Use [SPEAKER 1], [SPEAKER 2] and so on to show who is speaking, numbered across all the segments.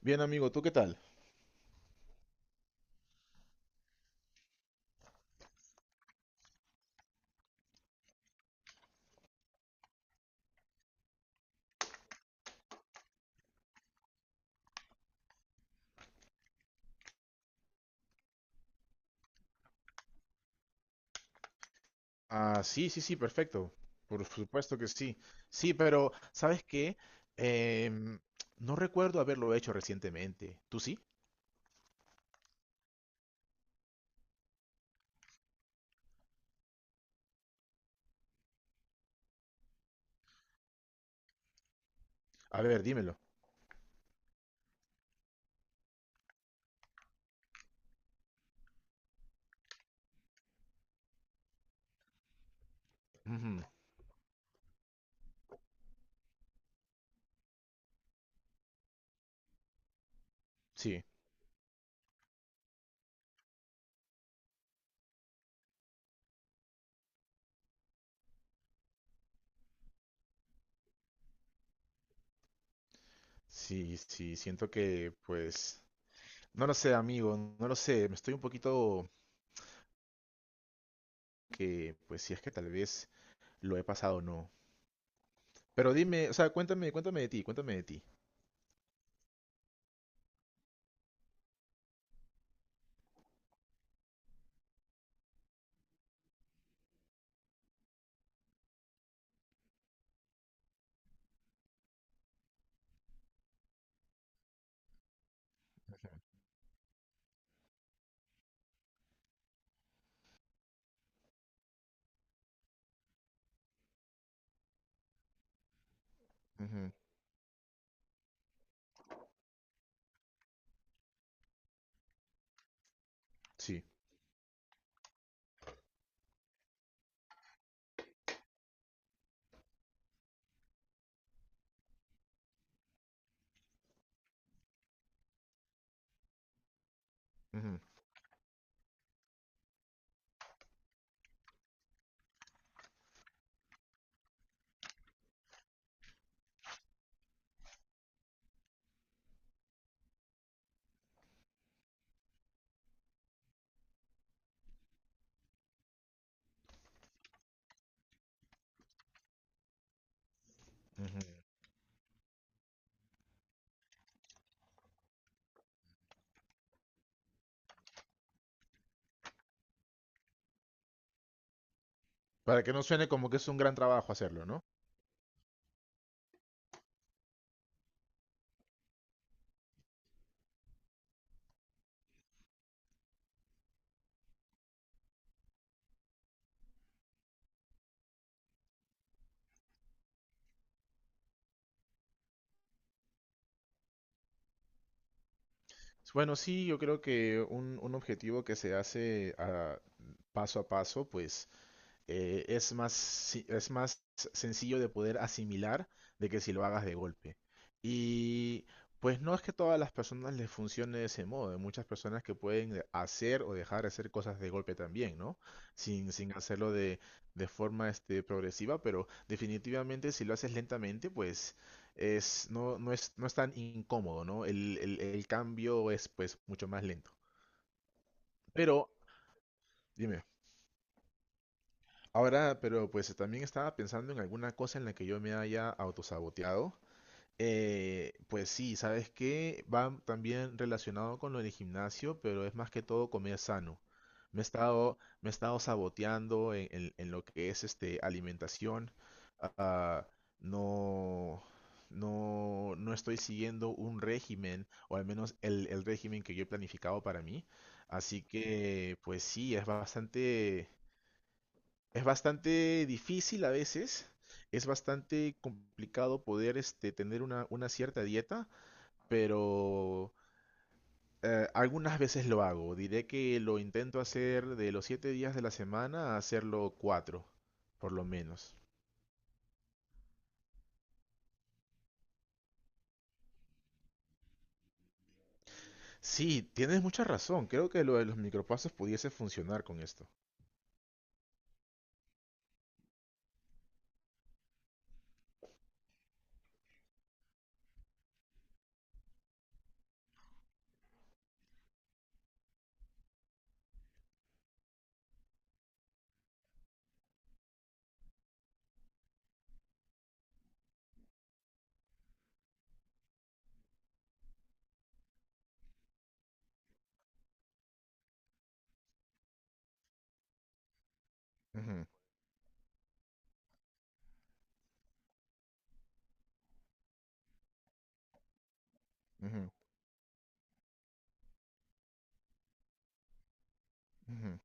[SPEAKER 1] Bien, amigo, ¿tú qué tal? Ah, sí, sí, sí, perfecto. Por supuesto que sí. Sí, pero ¿sabes qué? Em, no recuerdo haberlo hecho recientemente. ¿Tú sí? A ver, dímelo. Ujú. Sí, sí, sí, siento que, pues, no lo sé, amigo, no lo sé. Me estoy un poquito que, pues, si es que tal vez lo he pasado o no. Pero dime, o sea, cuéntame, cuéntame de ti, cuéntame de ti. Ujú. Sí. Ujú. Ujú. Para que no suene como que es un gran trabajo hacerlo, ¿no? Bueno, sí, yo creo que un objetivo que se hace paso a paso, pues es más, es más sencillo de poder asimilar de que si lo hagas de golpe. Y pues no es que todas las personas les funcione de ese modo. Hay muchas personas que pueden hacer o dejar de hacer cosas de golpe también, ¿no? Sin hacerlo de forma este, progresiva, pero definitivamente si lo haces lentamente, pues es, no, no es tan incómodo, ¿no? El cambio es pues mucho más lento. Pero, dime. Ahora, pero pues también estaba pensando en alguna cosa en la que yo me haya autosaboteado. Pues sí, ¿sabes qué? Va también relacionado con lo del gimnasio, pero es más que todo comer sano. Me he estado saboteando en, en lo que es este alimentación. Ah, no, no, no estoy siguiendo un régimen, o al menos el régimen que yo he planificado para mí. Así que, pues sí, es bastante. Es bastante difícil a veces, es bastante complicado poder este, tener una cierta dieta, pero algunas veces lo hago. Diré que lo intento hacer de los siete días de la semana a hacerlo cuatro, por lo menos. Sí, tienes mucha razón. Creo que lo de los micropasos pudiese funcionar con esto. Ujú. Ujú. Ujú.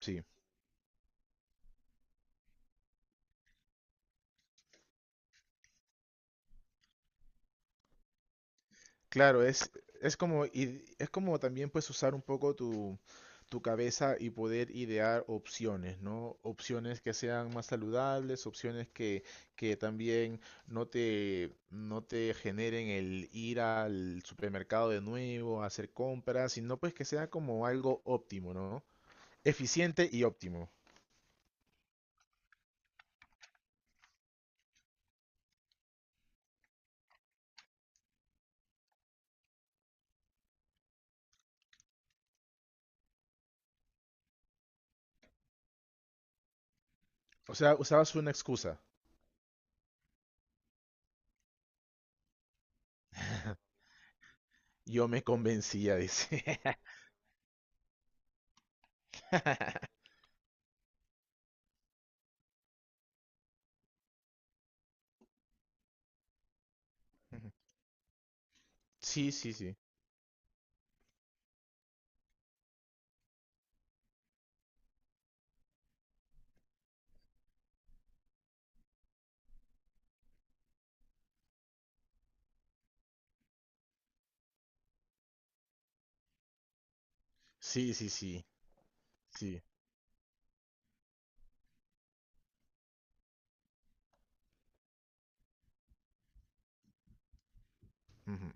[SPEAKER 1] Sí. Claro, es como, es como también pues usar un poco tu, tu cabeza y poder idear opciones, ¿no? Opciones que sean más saludables, opciones que también no te generen el ir al supermercado de nuevo a hacer compras, sino pues que sea como algo óptimo, ¿no? Eficiente y óptimo. O sea, usabas una excusa. Yo me convencía, dice. Sí, sí, sí. Sí, sí, sí. Sí. Ujú.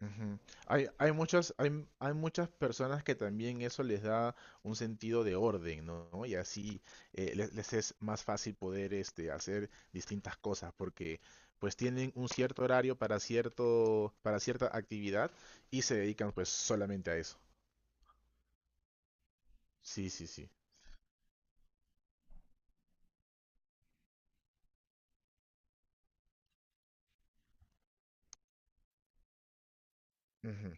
[SPEAKER 1] Ujú. Hay muchas, hay muchas personas que también eso les da un sentido de orden, ¿no? ¿No? Y así les, les es más fácil poder este, hacer distintas cosas porque pues tienen un cierto horario para cierto, para cierta actividad y se dedican pues solamente a eso. Sí, sí, sí. Ujú.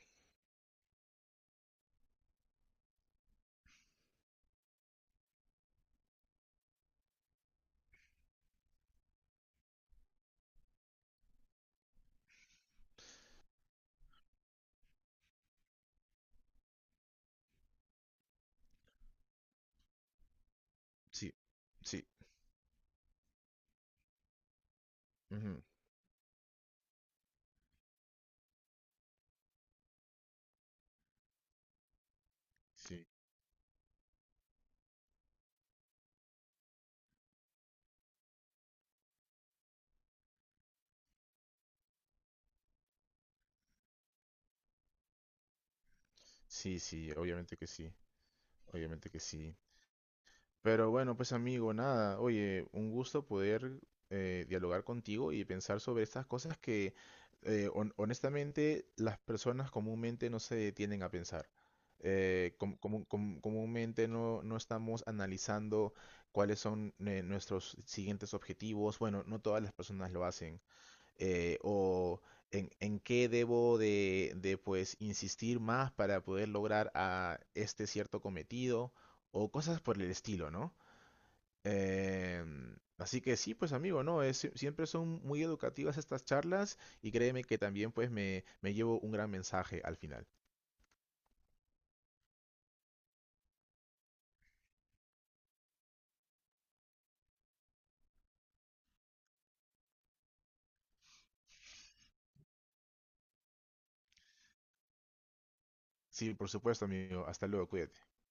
[SPEAKER 1] Sí, sí, ujú, sí, sí, sí, obviamente que sí, obviamente que sí. Pero bueno, pues amigo, nada, oye, un gusto poder dialogar contigo y pensar sobre estas cosas que honestamente las personas comúnmente no se detienen a pensar. Comúnmente no, no estamos analizando cuáles son nuestros siguientes objetivos. Bueno, no todas las personas lo hacen. O en qué debo de pues insistir más para poder lograr a este cierto cometido o cosas por el estilo, ¿no? Así que sí, pues amigo, ¿no? Es, siempre son muy educativas estas charlas y créeme que también pues me llevo un gran mensaje al final. Sí, por supuesto, amigo. Hasta luego, cuídate.